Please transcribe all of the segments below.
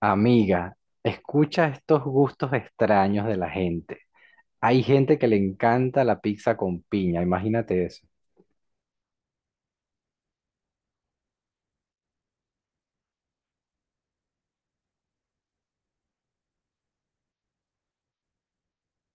Amiga, escucha estos gustos extraños de la gente. Hay gente que le encanta la pizza con piña, imagínate eso.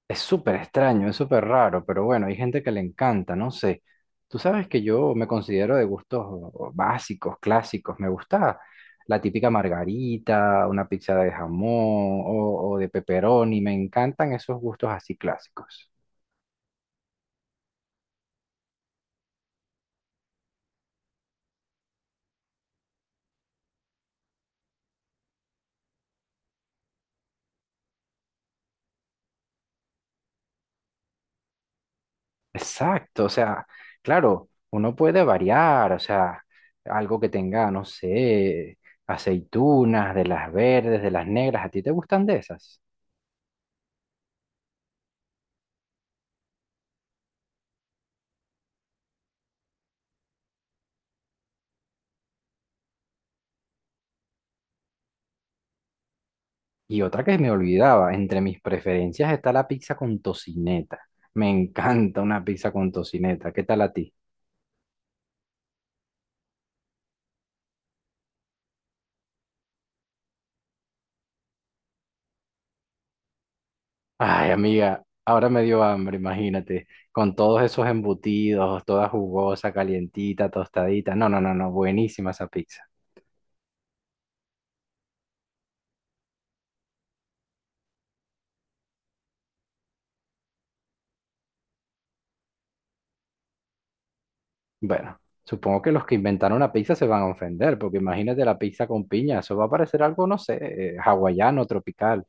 Es súper extraño, es súper raro, pero bueno, hay gente que le encanta, no sé. Tú sabes que yo me considero de gustos básicos, clásicos. Me gusta la típica margarita, una pizza de jamón o de pepperoni. Me encantan esos gustos así clásicos. Exacto, o sea, claro, uno puede variar, o sea, algo que tenga, no sé, aceitunas, de las verdes, de las negras, ¿a ti te gustan de esas? Y otra que me olvidaba, entre mis preferencias está la pizza con tocineta. Me encanta una pizza con tocineta, ¿qué tal a ti? Ay, amiga, ahora me dio hambre, imagínate, con todos esos embutidos, toda jugosa, calientita, tostadita. No, no, no, no, buenísima esa pizza. Bueno, supongo que los que inventaron la pizza se van a ofender, porque imagínate la pizza con piña, eso va a parecer algo, no sé, hawaiano, tropical.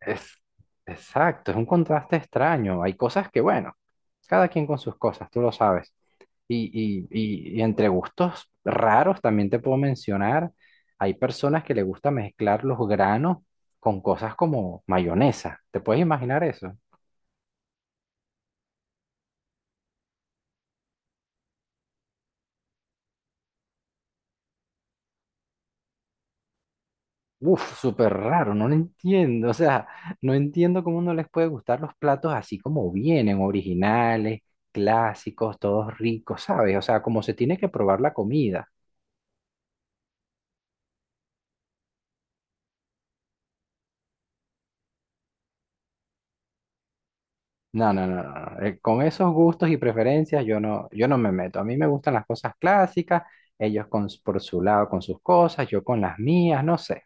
Es, exacto, es un contraste extraño. Hay cosas que, bueno, cada quien con sus cosas, tú lo sabes. Y, y entre gustos raros también te puedo mencionar, hay personas que le gusta mezclar los granos con cosas como mayonesa. ¿Te puedes imaginar eso? Uf, súper raro, no lo entiendo. O sea, no entiendo cómo no les puede gustar los platos así como vienen, originales, clásicos, todos ricos, ¿sabes? O sea, como se tiene que probar la comida. No, no, no, no. no. Con esos gustos y preferencias yo no me meto. A mí me gustan las cosas clásicas, ellos con, s- por su lado con sus cosas, yo con las mías, no sé.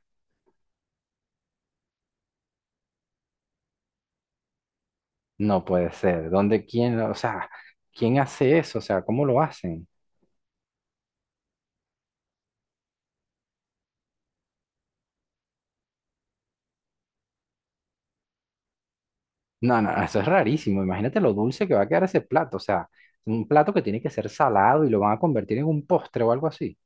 No puede ser. ¿Dónde quién, o sea, quién hace eso? O sea, ¿cómo lo hacen? No, no, eso es rarísimo. Imagínate lo dulce que va a quedar ese plato. O sea, un plato que tiene que ser salado y lo van a convertir en un postre o algo así.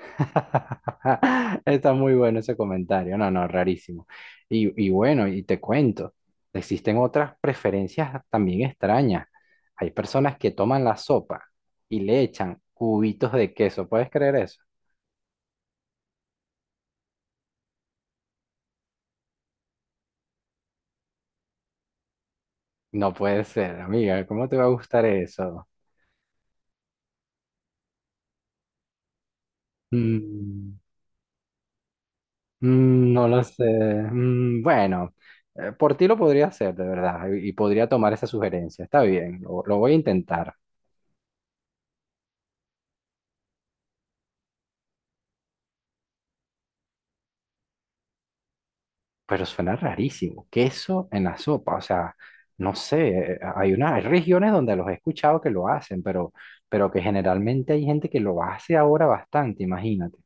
Está muy bueno ese comentario. No, no, rarísimo. Y bueno, y te cuento, existen otras preferencias también extrañas. Hay personas que toman la sopa y le echan cubitos de queso. ¿Puedes creer eso? No puede ser, amiga. ¿Cómo te va a gustar eso? Mm. Mm, no lo sé. Mm, bueno, por ti lo podría hacer, de verdad, y podría tomar esa sugerencia. Está bien, lo voy a intentar, pero suena rarísimo. Queso en la sopa, o sea, no sé, hay una, hay regiones donde los he escuchado que lo hacen, pero que generalmente hay gente que lo hace ahora bastante, imagínate.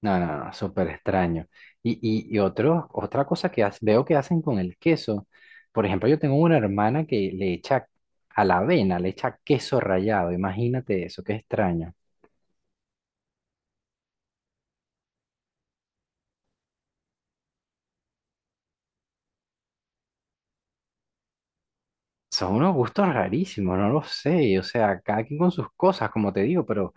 No, no, no, súper extraño. Y otro, otra cosa que hace- veo que hacen con el queso. Por ejemplo, yo tengo una hermana que le echa a la avena, le echa queso rallado. Imagínate eso, qué extraño. Son unos gustos rarísimos, no lo sé. O sea, cada quien con sus cosas, como te digo,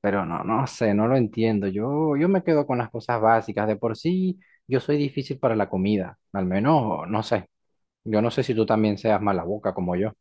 pero no, no sé, no lo entiendo. Yo me quedo con las cosas básicas. De por sí, yo soy difícil para la comida. Al menos, no sé. Yo no sé si tú también seas mala boca como yo.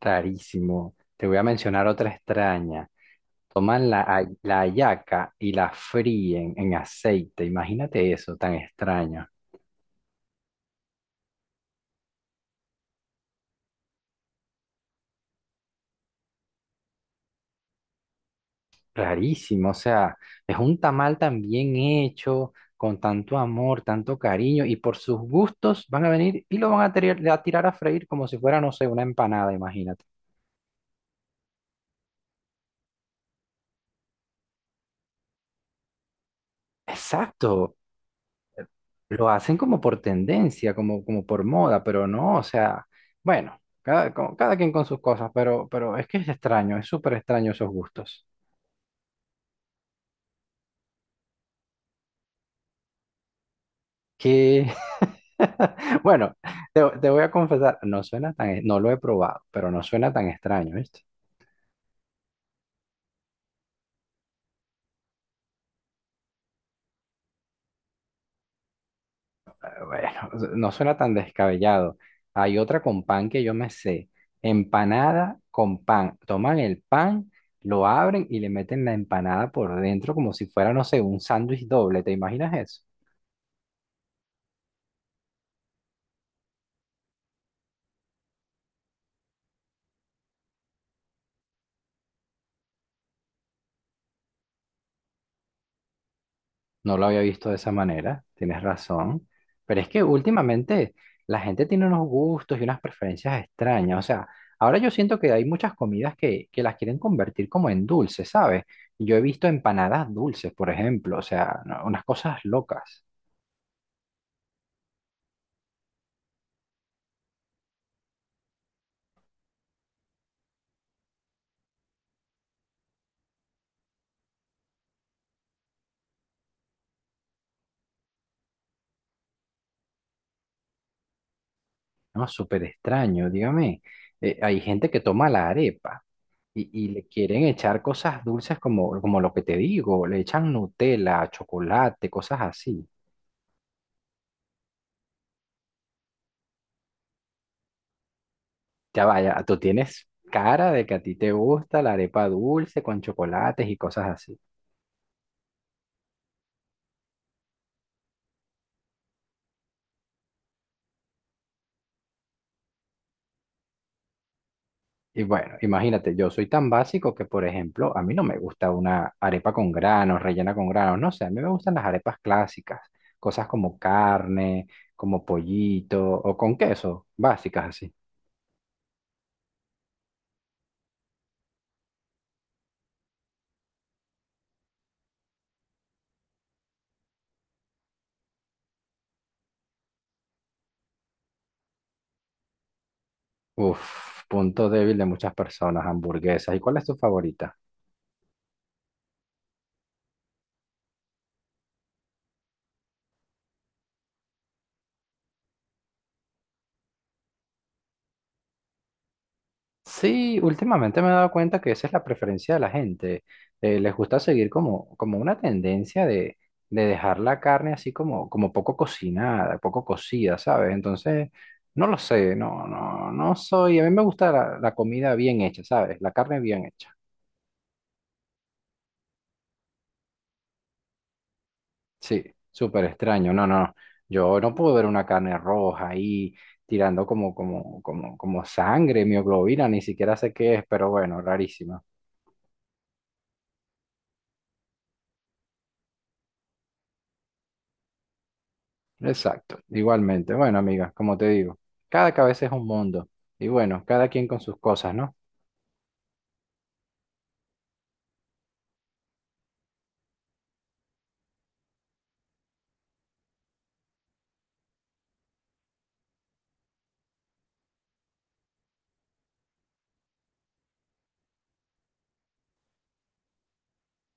Rarísimo. Te voy a mencionar otra extraña. Toman la, hay- la hallaca y la fríen en aceite. Imagínate eso, tan extraño. Rarísimo. O sea, es un tamal tan bien hecho, con tanto amor, tanto cariño, y por sus gustos van a venir y lo van a tirar, a tirar a freír como si fuera, no sé, una empanada, imagínate. Exacto. Lo hacen como por tendencia, como, como por moda, pero no, o sea, bueno, cada, co- cada quien con sus cosas, pero es que es extraño, es súper extraño esos gustos. Que, bueno, te voy a confesar, no suena tan, e, no lo he probado, pero no suena tan extraño, ¿viste? Bueno, no suena tan descabellado. Hay otra con pan que yo me sé, empanada con pan. Toman el pan, lo abren y le meten la empanada por dentro como si fuera, no sé, un sándwich doble, ¿te imaginas eso? No lo había visto de esa manera, tienes razón. Pero es que últimamente la gente tiene unos gustos y unas preferencias extrañas. O sea, ahora yo siento que hay muchas comidas que las quieren convertir como en dulces, ¿sabes? Yo he visto empanadas dulces, por ejemplo. O sea, no- unas cosas locas, ¿no? Súper extraño, dígame. Hay gente que toma la arepa y le quieren echar cosas dulces como, como lo que te digo. Le echan Nutella, chocolate, cosas así. Ya vaya, tú tienes cara de que a ti te gusta la arepa dulce con chocolates y cosas así. Y bueno, imagínate, yo soy tan básico que, por ejemplo, a mí no me gusta una arepa con granos, rellena con granos, no sé, a mí me gustan las arepas clásicas, cosas como carne, como pollito o con queso, básicas así. Uf, punto débil de muchas personas, hamburguesas. ¿Y cuál es tu favorita? Sí, últimamente me he dado cuenta que esa es la preferencia de la gente. Les gusta seguir como, como una tendencia de dejar la carne así como, como poco cocinada, poco cocida, ¿sabes? Entonces, no lo sé, no, no, no soy. A mí me gusta la, la comida bien hecha, ¿sabes? La carne bien hecha. Sí, súper extraño. No, no, yo no puedo ver una carne roja ahí tirando como, como, como, como sangre, mioglobina, ni siquiera sé qué es, pero bueno, rarísima. Exacto, igualmente. Bueno, amiga, como te digo, cada cabeza es un mundo. Y bueno, cada quien con sus cosas, ¿no?